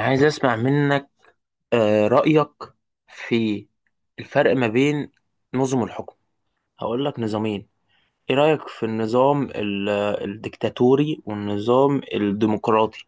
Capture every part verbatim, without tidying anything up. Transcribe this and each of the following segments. عايز اسمع منك. آه، رأيك في الفرق ما بين نظم الحكم. هقول لك نظامين، ايه رأيك في النظام ال- الديكتاتوري والنظام الديمقراطي.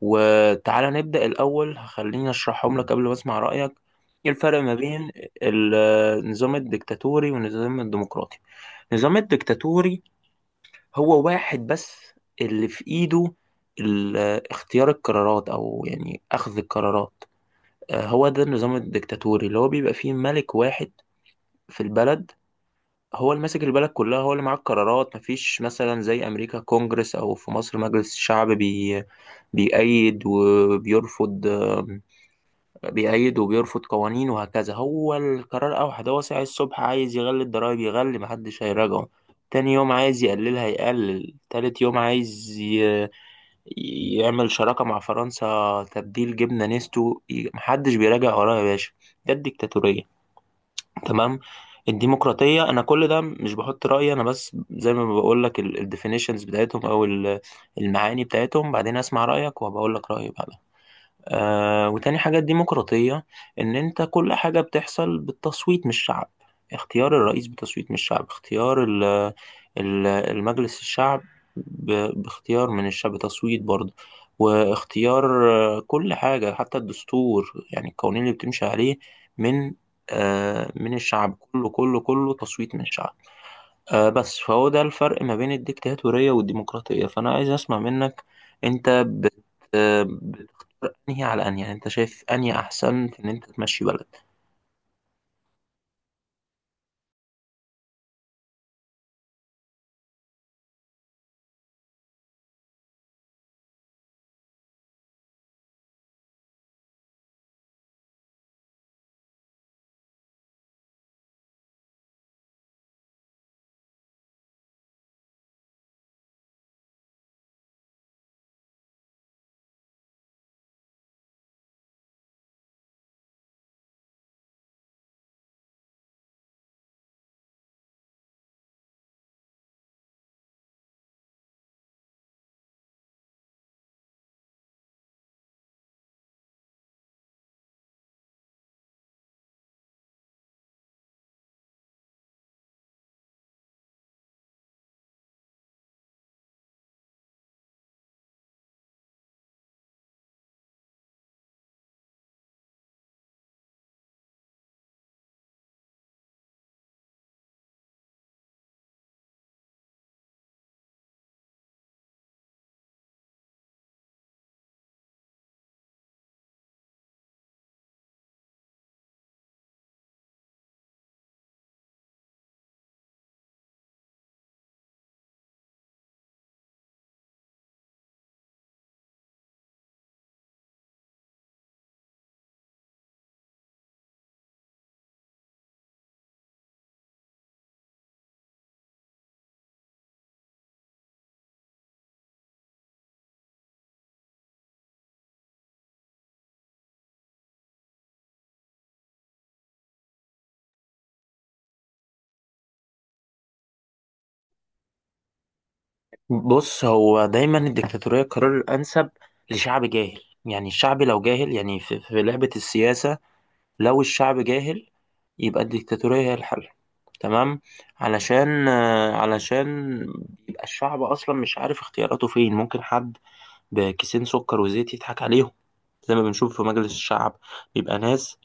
وتعالى نبدأ الأول، خليني أشرحهم لك قبل ما أسمع رأيك. إيه الفرق ما بين ال- النظام الديكتاتوري والنظام الديمقراطي؟ النظام الديكتاتوري هو واحد بس اللي في إيده ال- اختيار القرارات، أو يعني أخذ القرارات. آه، هو ده النظام الديكتاتوري اللي هو بيبقى فيه ملك واحد في البلد، هو اللي ماسك البلد كلها، هو اللي معاه القرارات. مفيش مثلا زي أمريكا كونجرس، أو في مصر مجلس الشعب بي بيأيد وبيرفض. بيأيد وبيرفض قوانين وهكذا. هو القرار أوحد، هو ساعة الصبح عايز يغلي الضرايب يغلي، محدش هيراجعه. تاني يوم عايز يقللها يقلل، تالت يوم عايز ي... يعمل شراكة مع فرنسا، تبديل جبنة نستو ي- محدش بيراجع وراه يا باشا. ده الديكتاتورية، تمام؟ الديمقراطية، أنا كل ده مش بحط رأيي، أنا بس زي ما بقول لك الديفينيشنز بتاعتهم أو ال- المعاني بتاعتهم، بعدين أسمع رأيك وبقول لك رأيي بعدها. آه، وتاني حاجة الديمقراطية، إن أنت كل حاجة بتحصل بالتصويت من الشعب. اختيار الرئيس بتصويت من الشعب، اختيار ال ال المجلس الشعب ب- باختيار من الشعب بتصويت برضه، واختيار، آه، كل حاجة حتى الدستور، يعني القوانين اللي بتمشي عليه من، آه، من الشعب. كله كله كله تصويت من الشعب. آه بس، فهو ده الفرق ما بين الديكتاتورية والديمقراطية. فأنا عايز أسمع منك، أنت بت آه، انهي على انهي، يعني انت شايف انهي احسن في ان انت تمشي بلد. بص، هو دايما الدكتاتورية القرار الانسب لشعب جاهل. يعني الشعب لو جاهل، يعني في, في لعبة السياسة، لو الشعب جاهل، يبقى الدكتاتورية هي الحل. تمام؟ علشان، آه، علشان يبقى الشعب اصلا مش عارف اختياراته فين. ممكن حد بكيسين سكر وزيت يضحك عليهم، زي ما بنشوف في مجلس الشعب بيبقى ناس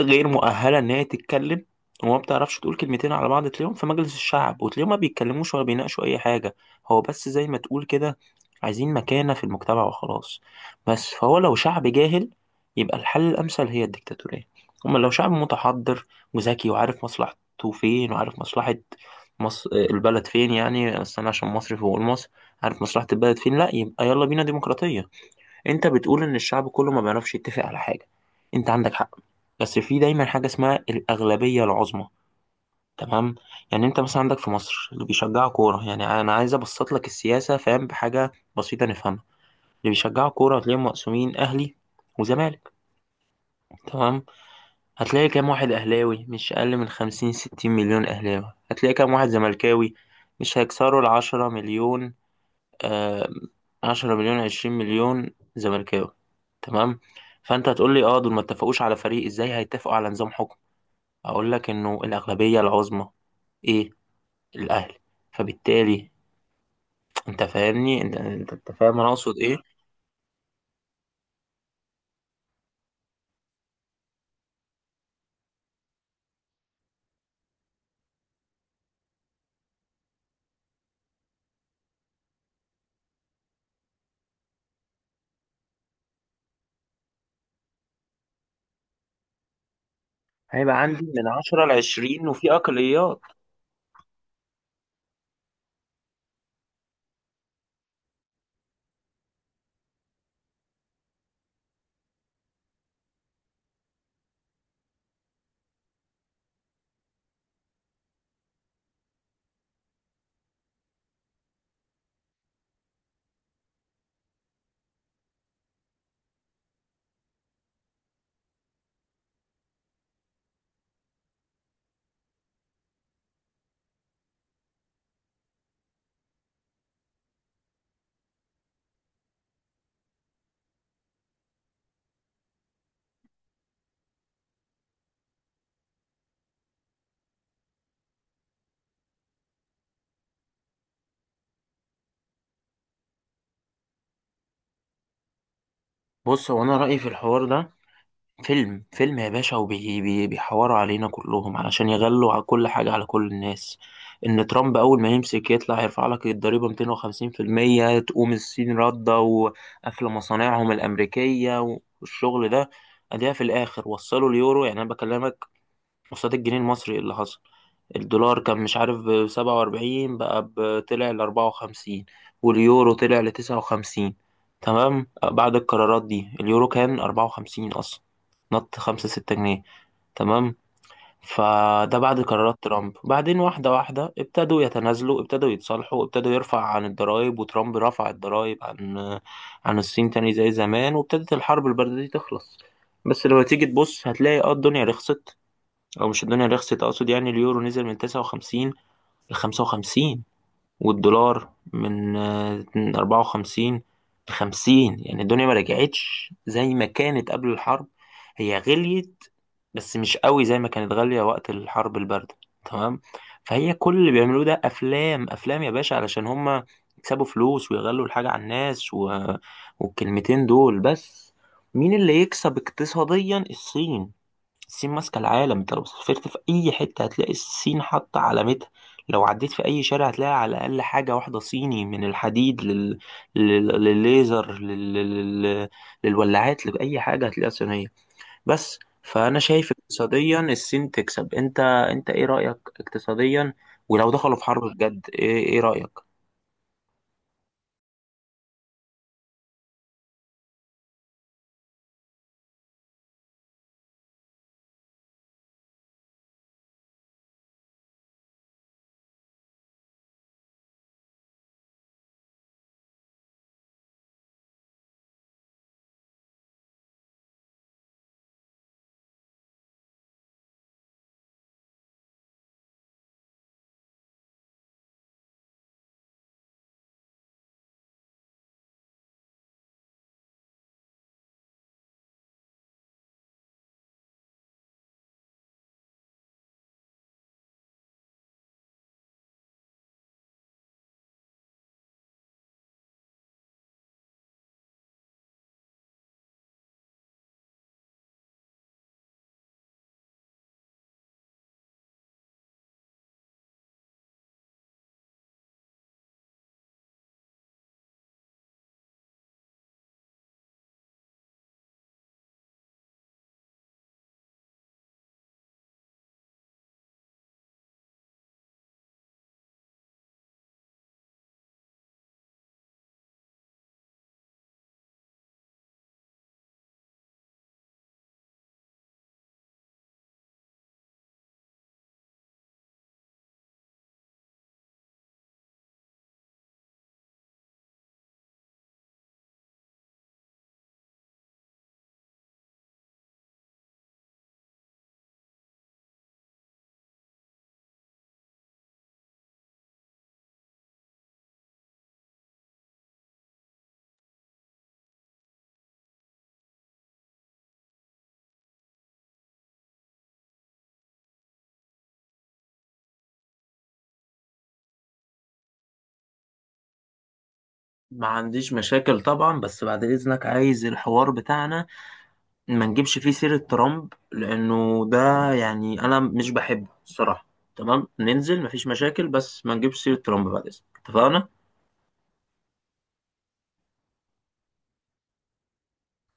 غير مؤهلة إن هي تتكلم وما بتعرفش تقول كلمتين على بعض، تلاقيهم في مجلس الشعب وتلاقيهم ما بيتكلموش ولا بيناقشوا أي حاجة. هو بس زي ما تقول كده، عايزين مكانة في المجتمع وخلاص. بس، فهو لو شعب جاهل يبقى الحل الأمثل هي الديكتاتورية. أما لو شعب متحضر وذكي وعارف مصلحته فين، وعارف مصلحة مصر البلد فين، يعني بس أنا عشان مصري فبقول مصر، عارف مصلحة البلد فين، لأ يبقى يلا بينا ديمقراطية. انت بتقول ان الشعب كله ما بيعرفش يتفق على حاجة. انت عندك حق، بس في دايما حاجة اسمها الأغلبية العظمى. تمام؟ يعني انت مثلا عندك في مصر اللي بيشجعوا كورة، يعني انا عايز ابسط لك السياسة، فاهم، بحاجة بسيطة نفهمها. اللي بيشجعوا كورة هتلاقيهم مقسومين اهلي وزمالك، تمام؟ هتلاقي كام واحد اهلاوي؟ مش اقل من خمسين ستين مليون اهلاوي. هتلاقي كام واحد زملكاوي؟ مش هيكسروا العشرة مليون. آه، عشرة مليون عشرين مليون زملكاوي، تمام؟ فانت هتقول لي اه، دول ما اتفقوش على فريق، ازاي هيتفقوا على نظام حكم؟ اقول لك انه الاغلبيه العظمى. ايه؟ الاهلي. فبالتالي انت فاهمني، انت انت أنت فاهم انا اقصد ايه. هيبقى عندي من عشرة ل عشرين وفي اقليات. بص، هو انا رايي في الحوار ده، فيلم فيلم يا باشا، وبيحوروا علينا كلهم علشان يغلوا على كل حاجة، على كل الناس. إن ترامب أول ما يمسك يطلع يرفع لك الضريبة مئتين وخمسين في المية، تقوم الصين ردة وقافلة مصانعهم الأمريكية والشغل ده، أديها في الآخر وصلوا اليورو، يعني أنا بكلمك قصاد الجنيه المصري اللي حصل، الدولار كان مش عارف بسبعة وأربعين، بقى ب- طلع لأربعة وخمسين، واليورو طلع لتسعة وخمسين. تمام؟ بعد القرارات دي، اليورو كان أربعة وخمسين أصلا، نط خمسة ستة جنيه، تمام؟ فده بعد قرارات ترامب. بعدين واحدة واحدة ابتدوا يتنازلوا، ابتدوا يتصالحوا، ابتدوا يرفع عن الضرائب، وترامب رفع الضرائب عن، عن الصين تاني زي زمان، وابتدت الحرب الباردة دي تخلص. بس لما تيجي تبص هتلاقي اه الدنيا رخصت، او مش الدنيا رخصت، اقصد يعني اليورو نزل من تسعة وخمسين ل خمسة وخمسين، والدولار من، آه، أربعة وخمسين ل خمسين. يعني الدنيا ما رجعتش زي ما كانت قبل الحرب، هي غليت بس مش قوي زي ما كانت غالية وقت الحرب الباردة. تمام؟ فهي كل اللي بيعملوه ده افلام افلام يا باشا علشان هما يكسبوا فلوس ويغلوا الحاجة على الناس و... والكلمتين دول بس. مين اللي يكسب اقتصاديا؟ الصين. الصين ماسكة العالم. انت لو سافرت في أي حتة هتلاقي الصين حاطة علامتها، لو عديت في أي شارع هتلاقي على الأقل حاجة واحدة صيني، من الحديد لل... لل... للليزر لل... لل... للولاعات، لأي حاجة هتلاقيها صينية. بس، فأنا شايف اقتصاديا الصين تكسب. انت انت ايه رأيك اقتصاديا ولو دخلوا في حرب بجد؟ ايه, ايه رأيك؟ ما عنديش مشاكل طبعا، بس بعد إذنك عايز الحوار بتاعنا ما نجيبش فيه سيرة ترامب، لأنه ده يعني أنا مش بحبه الصراحة. تمام؟ ننزل مفيش مشاكل، بس ما نجيبش سيرة ترامب بعد إذنك، اتفقنا؟